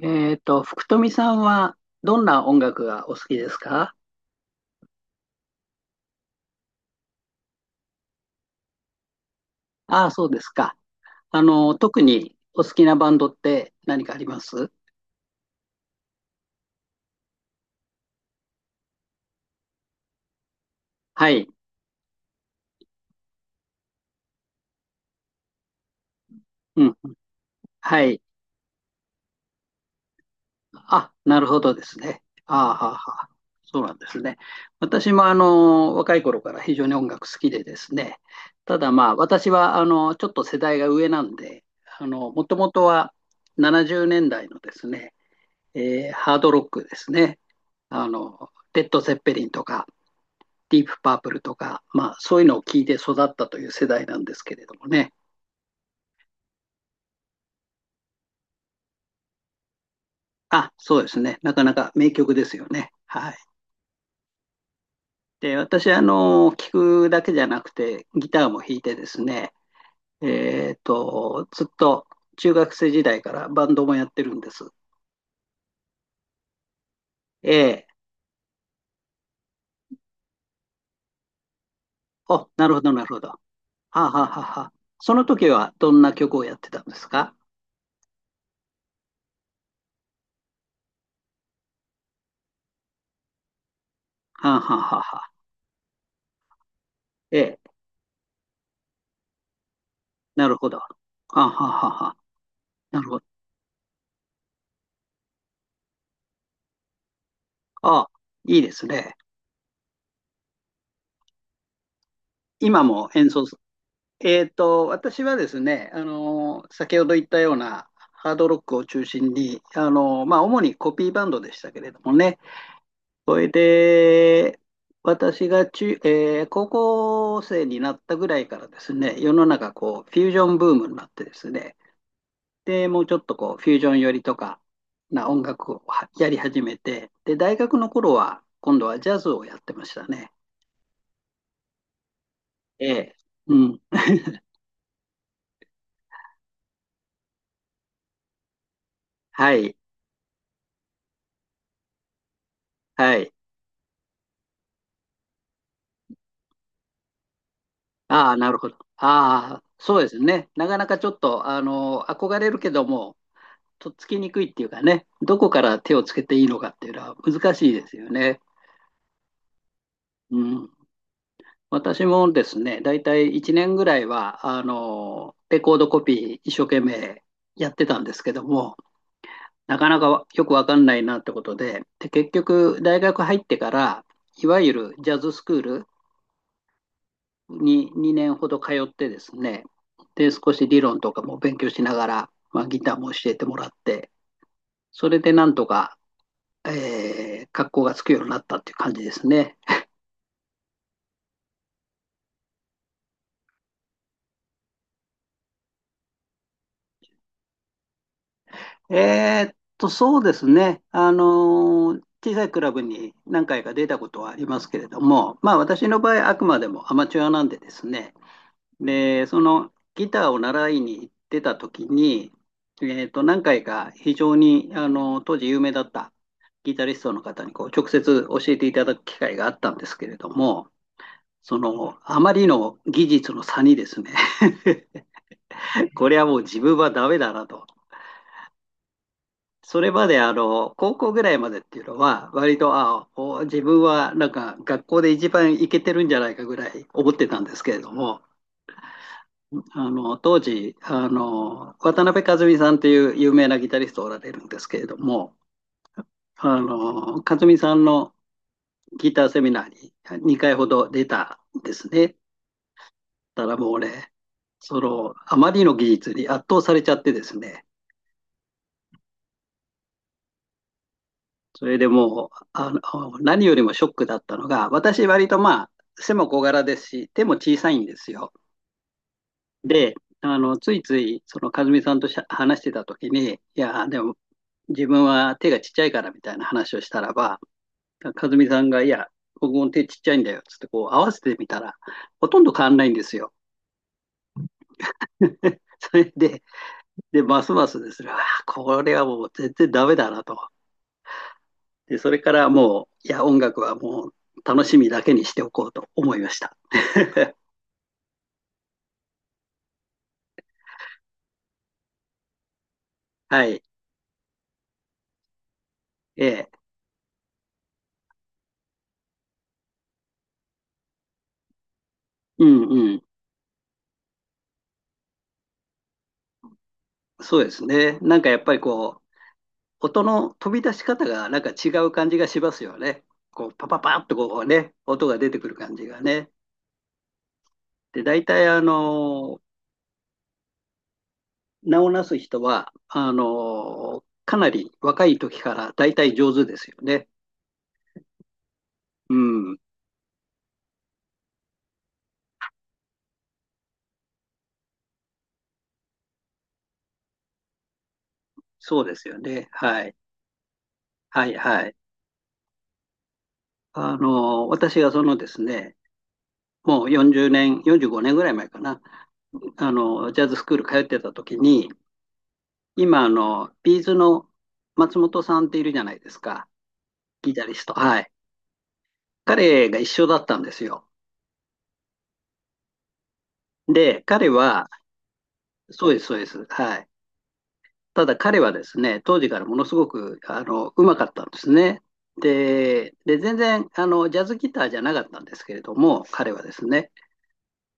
福富さんはどんな音楽がお好きですか？ああ、そうですか。特にお好きなバンドって何かあります？はい。うん。はい。あ、なるほどですね。ああ、はあはあ。そうなんですね。私も若い頃から非常に音楽好きでですね。ただまあ、私はちょっと世代が上なんで、もともとは70年代のですね、ハードロックですね。レッド・ゼッペリンとか、ディープパープルとか、まあ、そういうのを聞いて育ったという世代なんですけれどもね。あ、そうですね。なかなか名曲ですよね。はい。で、私、聞くだけじゃなくて、ギターも弾いてですね、ずっと中学生時代からバンドもやってるんです。ええ。お、なるほど、なるほど。はあ、はあはあはあ。その時はどんな曲をやってたんですか？はあ、はあはあはあ。ええ、なるほど。はあ、はあはあはあ。なるほど。ああ、いいですね。今も演奏。私はですね、先ほど言ったようなハードロックを中心に、まあ、主にコピーバンドでしたけれどもね、それで私が中、えー高校生になったぐらいからですね、世の中こうフュージョンブームになってですね、でもうちょっとこうフュージョン寄りとかな音楽をはやり始めて、で大学の頃は今度はジャズをやってましたね。ええ、うん、はい、はい。ああ、なるほど。ああ、そうですね。なかなかちょっと、憧れるけども、とっつきにくいっていうかね、どこから手をつけていいのかっていうのは難しいですよね。うん。私もですね、だいたい1年ぐらいは、レコードコピー一生懸命やってたんですけども、なかなかよくわかんないなってことで、で、結局、大学入ってから、いわゆるジャズスクールに2年ほど通ってですね、で、少し理論とかも勉強しながら、まあ、ギターも教えてもらって、それでなんとか、格好がつくようになったっていう感じですね。えそうですね。小さいクラブに何回か出たことはありますけれども、まあ私の場合、あくまでもアマチュアなんでですね、で、そのギターを習いに行ってた時に、何回か非常にあの当時有名だったギタリストの方にこう直接教えていただく機会があったんですけれども、そのあまりの技術の差にですね。 これはもう自分はダメだなと。それまであの高校ぐらいまでっていうのは割と自分はなんか学校で一番イケてるんじゃないかぐらい思ってたんですけれども、あの当時渡辺和美さんっていう有名なギタリストおられるんですけれども、あの和美さんのギターセミナーに2回ほど出たんですね。たらもう俺、そのあまりの技術に圧倒されちゃってですね、それでもう何よりもショックだったのが、私割とまあ背も小柄ですし手も小さいんですよ。で、ついつい、和美さんと話してたときに、いや、でも、自分は手がちっちゃいからみたいな話をしたらば、和美さんが、いや、僕も手ちっちゃいんだよ、つって、こう、合わせてみたら、ほとんど変わんないんですよ。それで、ますますですね、あ、これはもう全然ダメだなと。で、それからもう、いや、音楽はもう楽しみだけにしておこうと思いました。はい。ええ、うんうん。そうですね。なんかやっぱりこう、音の飛び出し方がなんか違う感じがしますよね。こう、パパパッとこうね、音が出てくる感じがね。で、大体名をなす人は、かなり若い時から大体上手ですよね。うん、そうですよね。はい。はい、はい。私がそのですね、もう40年、45年ぐらい前かな、ジャズスクール通ってた時に、今、ビーズの松本さんっているじゃないですか、ギタリスト。はい。彼が一緒だったんですよ。で、彼は、そうです、そうです。はい。ただ彼はですね、当時からものすごく、うまかったんですね。で、全然、ジャズギターじゃなかったんですけれども、彼はですね、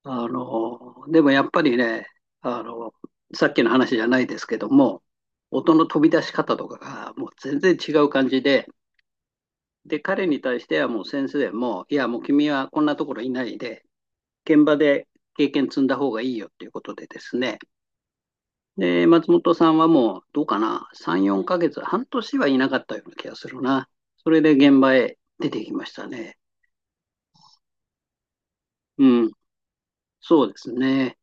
でもやっぱりね、あの、さっきの話じゃないですけども、音の飛び出し方とかがもう全然違う感じで、で、彼に対してはもう先生も、いや、もう君はこんなところいないで、現場で経験積んだ方がいいよっていうことでですね、で、松本さんはもう、どうかな、3、4ヶ月、半年はいなかったような気がするな。それで現場へ出てきましたね。うん、そうですね。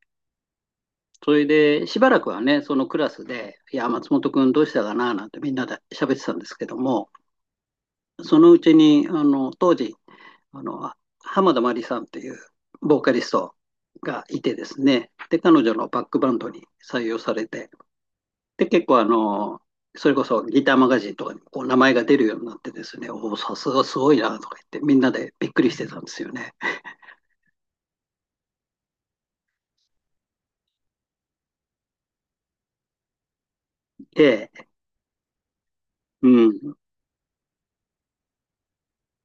それで、しばらくはね、そのクラスで、いや、松本君どうしたかな、なんてみんなで喋ってたんですけども、そのうちに、当時、あの、浜田真理さんっていうボーカリストがいてですね、で、彼女のバックバンドに採用されて、で、結構それこそギターマガジンとかにこう名前が出るようになってですね、おお、さすがすごいなとか言って、みんなでびっくりしてたんですよね。で、うん、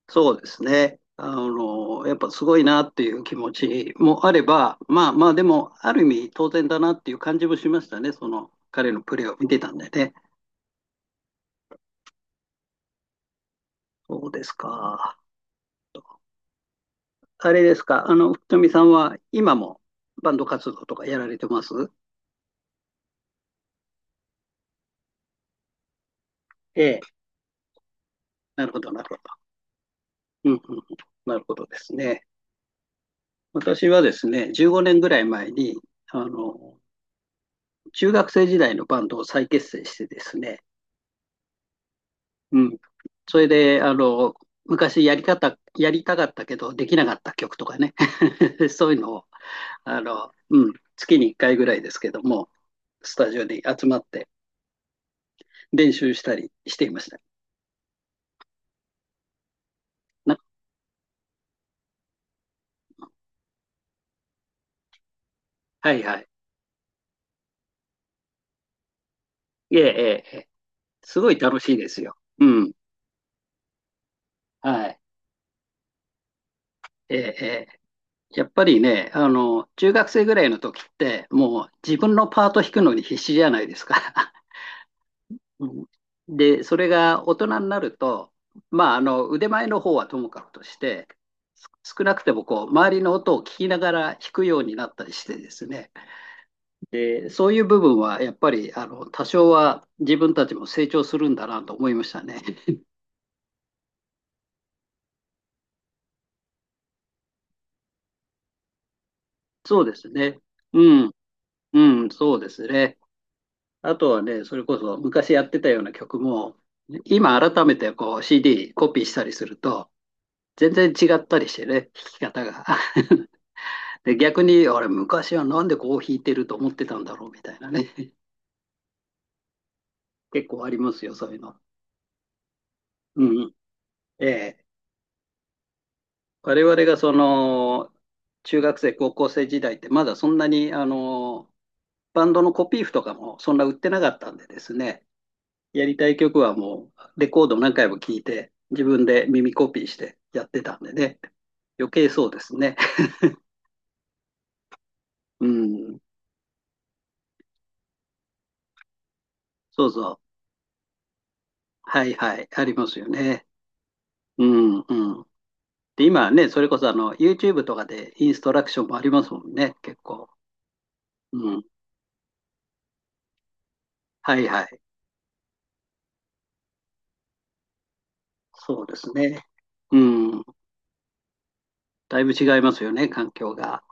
そうですね。やっぱすごいなっていう気持ちもあれば、まあまあ、でも、ある意味当然だなっていう感じもしましたね、その彼のプレーを見てたんでね。そうですか。あれですか、福富さんは今もバンド活動とかやられてます？ええ、なるほど、なるほど。うんうん、なるほどですね。私はですね、15年ぐらい前に、あの、中学生時代のバンドを再結成してですね、うん。それで、昔やりたかったけどできなかった曲とかね、そういうのを、うん、月に1回ぐらいですけども、スタジオに集まって練習したりしていました。なはいはい。ええ、ええ、ええ、すごい楽しいですよ。うん。はい。ええ、ええ。やっぱりね、中学生ぐらいの時って、もう自分のパート弾くのに必死じゃないですか。うん。で、それが大人になると、まあ、腕前の方はともかくとして、す少なくてもこう、周りの音を聞きながら弾くようになったりしてですね。で、そういう部分はやっぱり、多少は自分たちも成長するんだなと思いましたね。そうですね。うん、うん、そうですね。あとはね、それこそ昔やってたような曲も、今改めてこう CD コピーしたりすると、全然違ったりしてね、弾き方が。で、逆に、あれ、昔はなんでこう弾いてると思ってたんだろうみたいなね、結構ありますよ、そういうの。うん。ええ。我々がその、中学生、高校生時代って、まだそんなに、バンドのコピー譜とかもそんな売ってなかったんでですね、やりたい曲はもうレコード何回も聴いて、自分で耳コピーしてやってたんでね。余計そうですね。うん。そうそう。はいはい。ありますよね。うんうん。で、今はね、それこそYouTube とかでインストラクションもありますもんね、結構。うん。はいはい。そうですね。うん。だいぶ違いますよね、環境が。